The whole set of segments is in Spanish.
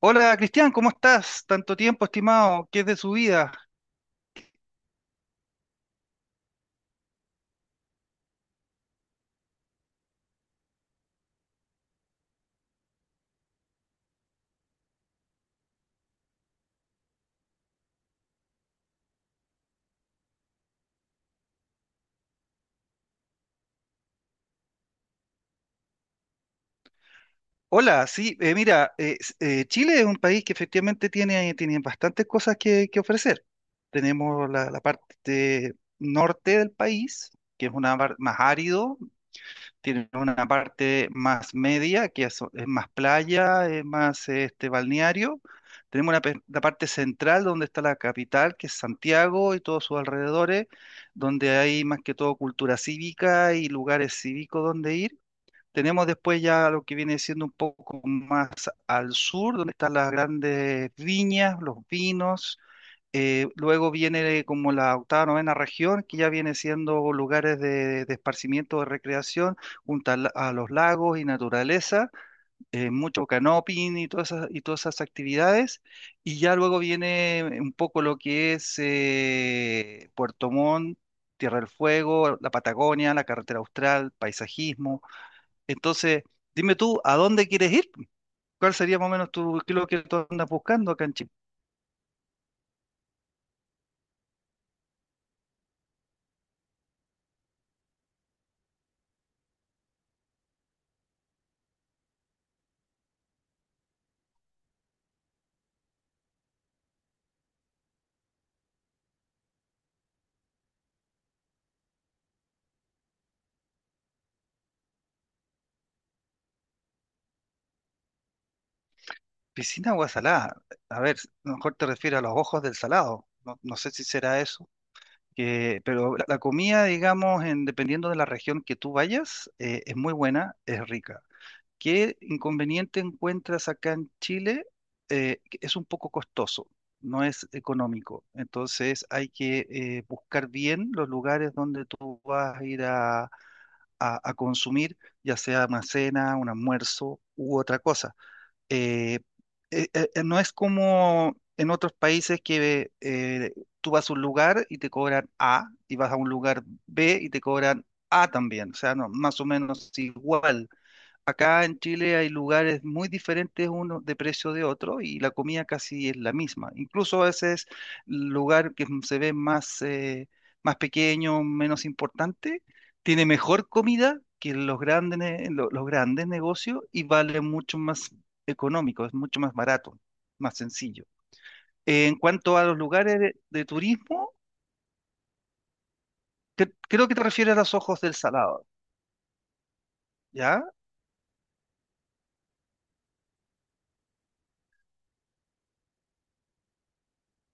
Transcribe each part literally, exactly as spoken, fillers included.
Hola Cristian, ¿cómo estás? Tanto tiempo, estimado. ¿Qué es de su vida? Hola, sí, eh, mira, eh, s- eh, Chile es un país que efectivamente tiene, tiene bastantes cosas que, que ofrecer. Tenemos la, la parte norte del país, que es una mar- más árido, tienen una parte más media, que es, es más playa, es más este, balneario. Tenemos una pe- la parte central donde está la capital, que es Santiago y todos sus alrededores, donde hay más que todo cultura cívica y lugares cívicos donde ir. Tenemos después ya lo que viene siendo un poco más al sur, donde están las grandes viñas, los vinos, eh, luego viene como la octava, novena región, que ya viene siendo lugares de, de esparcimiento, de recreación, junto a, la- a los lagos y naturaleza, eh, mucho canoping y todas esas, y todas esas actividades. Y ya luego viene un poco lo que es eh, Puerto Montt, Tierra del Fuego, la Patagonia, la carretera austral, paisajismo. Entonces, dime tú, ¿a dónde quieres ir? ¿Cuál sería más o menos tu, qué es lo que tú andas buscando acá en Chile? Piscina agua salada. A ver, a lo mejor te refieres a los Ojos del Salado. No, no sé si será eso. Que, pero la, la comida, digamos, en, dependiendo de la región que tú vayas, eh, es muy buena, es rica. ¿Qué inconveniente encuentras acá en Chile? Eh, que es un poco costoso, no es económico. Entonces hay que eh, buscar bien los lugares donde tú vas a ir a, a a consumir, ya sea una cena, un almuerzo u otra cosa eh, eh, eh, eh, no es como en otros países que eh, tú vas a un lugar y te cobran A, y vas a un lugar B y te cobran A también, o sea, no, más o menos igual. Acá en Chile hay lugares muy diferentes uno de precio de otro y la comida casi es la misma. Incluso a veces lugar que se ve más, eh, más pequeño, menos importante, tiene mejor comida que los grandes, ne- lo- los grandes negocios y vale mucho más económico, es mucho más barato, más sencillo. En cuanto a los lugares de, de turismo, cre- creo que te refieres a los Ojos del Salado, ¿ya?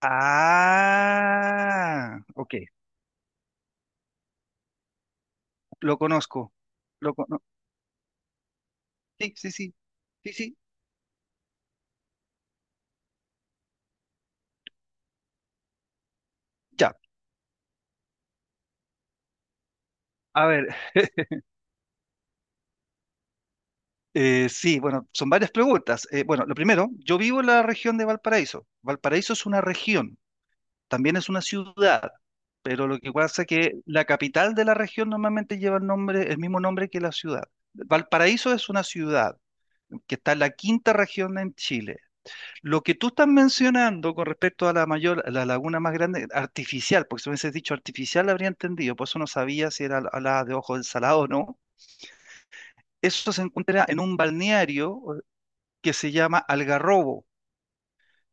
Ah, ok. Lo conozco. Lo cono- sí, sí, sí. Sí, sí. Ya. A ver, eh, sí, bueno, son varias preguntas. Eh, bueno, lo primero, yo vivo en la región de Valparaíso. Valparaíso es una región, también es una ciudad, pero lo que pasa es que la capital de la región normalmente lleva el nombre, el mismo nombre que la ciudad. Valparaíso es una ciudad que está en la quinta región en Chile. Lo que tú estás mencionando con respecto a la mayor, a la laguna más grande, artificial, porque si me hubieses dicho artificial la habría entendido, por eso no sabía si era la la de Ojo del Salado o no. Eso se encuentra en un balneario eh, que se llama Algarrobo,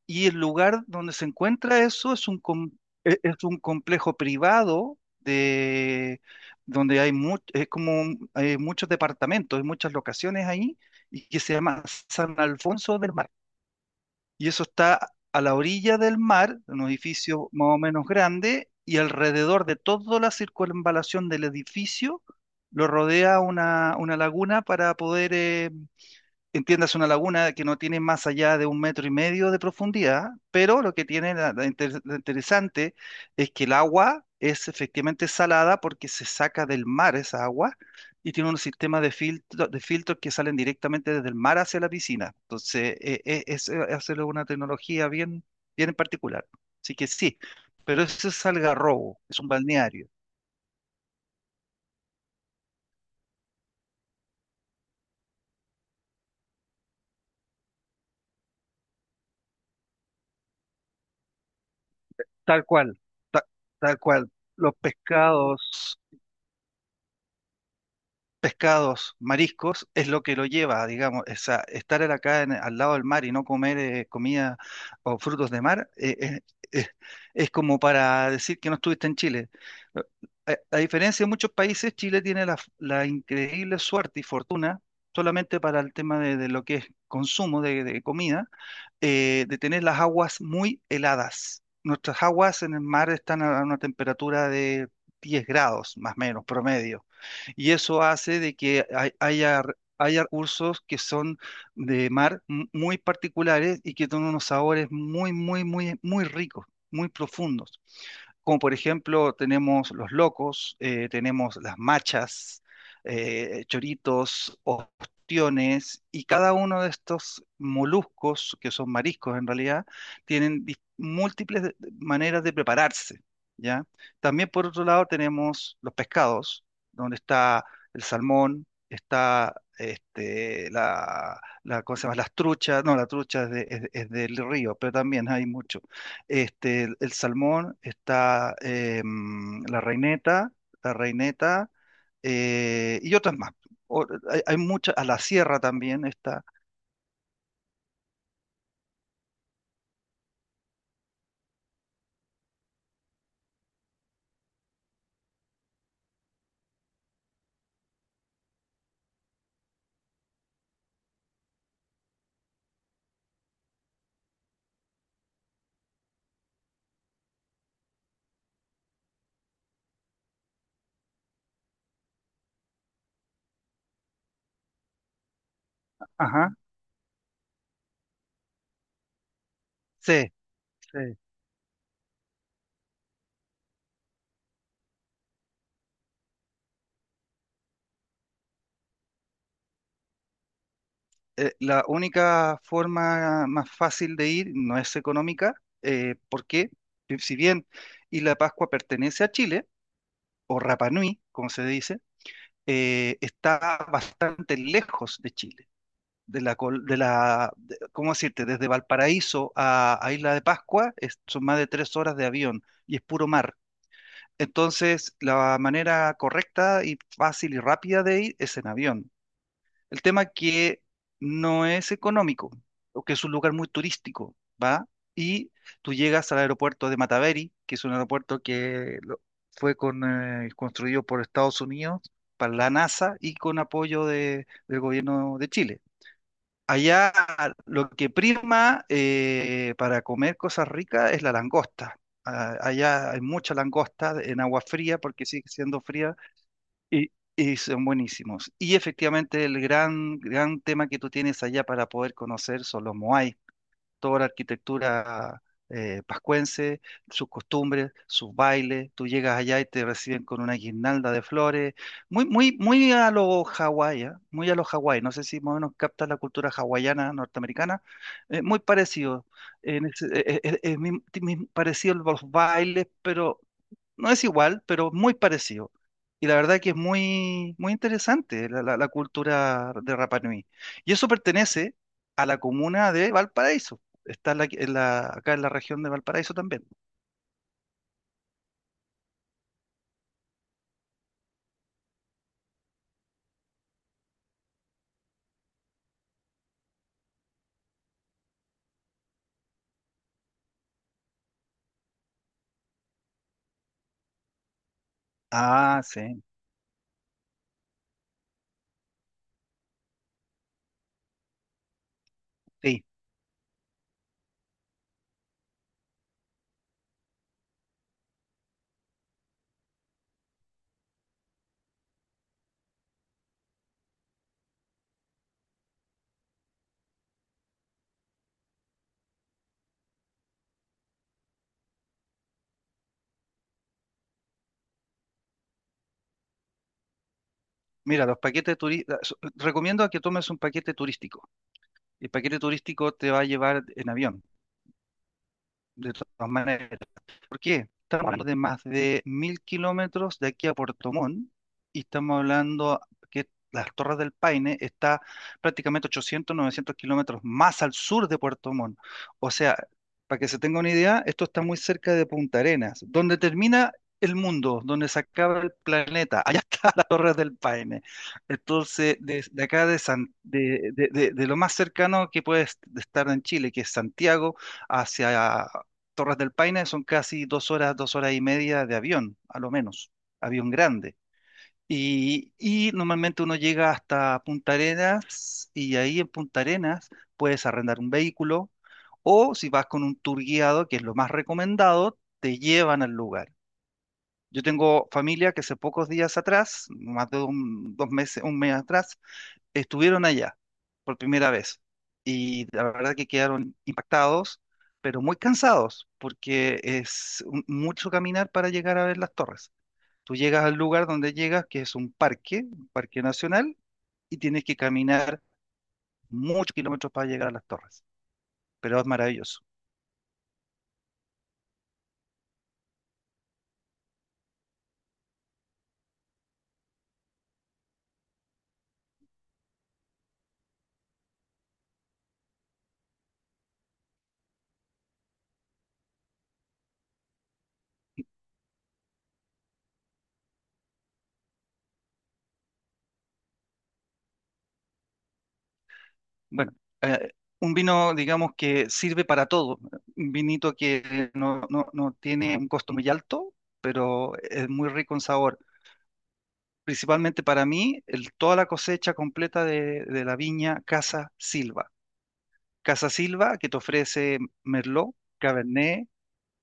y el lugar donde se encuentra eso es un, com- e- es un complejo privado de, donde hay mu- es como un- hay muchos departamentos, hay muchas locaciones ahí, y que se llama San Alfonso del Mar. Y eso está a la orilla del mar, en un edificio más o menos grande, y alrededor de toda la circunvalación del edificio lo rodea una, una laguna para poder eh, entiendas una laguna que no tiene más allá de un metro y medio de profundidad, pero lo que tiene la- la inter- lo interesante es que el agua es efectivamente salada porque se saca del mar esa agua y tiene un sistema de filtro, de filtros que salen directamente desde el mar hacia la piscina. Entonces, eh, eh, es, eh, hacerlo una tecnología bien, bien en particular. Así que sí, pero eso es Algarrobo, es un balneario, tal cual, ta- tal cual. Los pescados. Pescados, mariscos, es lo que lo lleva, digamos, o sea, estar en acá en- al lado del mar y no comer eh, comida o frutos de mar, eh, eh, eh, es como para decir que no estuviste en Chile. Eh, A, a diferencia de muchos países, Chile tiene la, f- la increíble suerte y fortuna solamente para el tema de, de lo que es consumo de de comida eh, de tener las aguas muy heladas. Nuestras aguas en el mar están a una temperatura de diez grados, más o menos, promedio. Y eso hace de que hay- haya, r- haya recursos que son de mar m- muy particulares y que tienen unos sabores muy, muy, muy, muy ricos, muy profundos. Como por ejemplo, tenemos los locos, eh, tenemos las machas, eh, choritos, ostiones, y cada uno de estos moluscos, que son mariscos en realidad, tienen dis- múltiples de- de- maneras de prepararse, ¿ya? También por otro lado tenemos los pescados, donde está el salmón, está este, la, la, ¿cómo se llama? Las truchas, no, la trucha es, de- es- es del río, pero también hay mucho. Este, el, el salmón, está em, la reineta, la reineta eh, y otras más. O- hay, hay muchas, a la sierra también está. Ajá, sí, sí. Eh, la única forma más fácil de ir no es económica, eh, porque eh, si bien Isla Pascua pertenece a Chile, o Rapa Nui, como se dice, eh, está bastante lejos de Chile. De la, col- de la, de- ¿Cómo decirte? Desde Valparaíso a, a Isla de Pascua es- son más de tres horas de avión y es puro mar. Entonces, la manera correcta y fácil y rápida de ir es en avión. El tema que no es económico, o que es un lugar muy turístico, ¿va? Y tú llegas al aeropuerto de Mataveri, que es un aeropuerto que lo- fue con, eh, construido por Estados Unidos para la NASA y con apoyo de- del gobierno de Chile. Allá lo que prima eh, para comer cosas ricas es la langosta. Ah, allá hay mucha langosta en agua fría porque sigue siendo fría y, y son buenísimos. Y efectivamente el gran, gran tema que tú tienes allá para poder conocer son los moai, toda la arquitectura eh, pascuense, sus costumbres, sus bailes. Tú llegas allá y te reciben con una guirnalda de flores. Muy, muy, muy a lo Hawái, ¿ah? Muy a lo Hawái. No sé si más o menos captas la cultura hawaiana norteamericana. Eh, muy parecido. En ese- eh, eh, eh, es mi- mi- Parecido a los bailes, pero no es igual, pero muy parecido. Y la verdad que es muy, muy interesante la, la- la cultura de Rapa Nui. Y eso pertenece a la comuna de Valparaíso. Está en la- en la- acá en la región de Valparaíso también. Ah, sí. Sí. Mira, los paquetes turísticos. Recomiendo a que tomes un paquete turístico. El paquete turístico te va a llevar en avión, de todas maneras. ¿Por qué? Estamos hablando de más de mil kilómetros de aquí a Puerto Montt y estamos hablando que las Torres del Paine está prácticamente ochocientos, novecientos kilómetros más al sur de Puerto Montt. O sea, para que se tenga una idea, esto está muy cerca de Punta Arenas, donde termina el mundo, donde se acaba el planeta. Allá está las Torres del Paine. Entonces, de de acá de, San- de, de de- de lo más cercano que puede estar en Chile, que es Santiago, hacia Torres del Paine son casi dos horas, dos horas y media de avión, a lo menos, avión grande. Y, y normalmente uno llega hasta Punta Arenas y ahí en Punta Arenas puedes arrendar un vehículo o si vas con un tour guiado, que es lo más recomendado, te llevan al lugar. Yo tengo familia que hace pocos días atrás, más de un- dos meses, un mes atrás, estuvieron allá por primera vez y la verdad que quedaron impactados, pero muy cansados porque es un- mucho caminar para llegar a ver las torres. Tú llegas al lugar donde llegas, que es un parque, un parque nacional, y tienes que caminar muchos kilómetros para llegar a las torres, pero es maravilloso. Bueno, eh, un vino, digamos, que sirve para todo, un vinito que no, no, no tiene un costo muy alto, pero es muy rico en sabor. Principalmente para mí, el- toda la cosecha completa de, de la viña Casa Silva. Casa Silva que te ofrece Merlot, Cabernet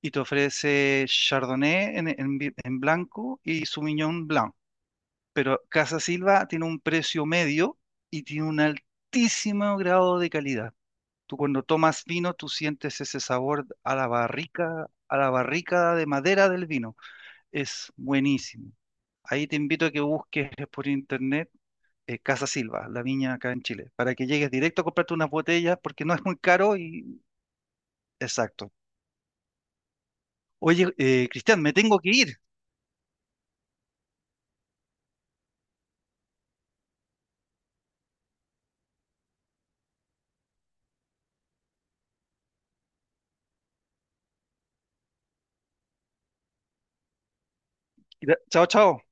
y te ofrece Chardonnay en, en vi- en blanco y Sauvignon Blanc. Pero Casa Silva tiene un precio medio y tiene un altísimo grado de calidad. Tú cuando tomas vino, tú sientes ese sabor a la barrica, a la barrica de madera del vino. Es buenísimo. Ahí te invito a que busques por internet eh, Casa Silva, la viña acá en Chile, para que llegues directo a comprarte unas botellas porque no es muy caro y exacto. Oye, eh, Cristian, me tengo que ir. Gra- Chao, chao.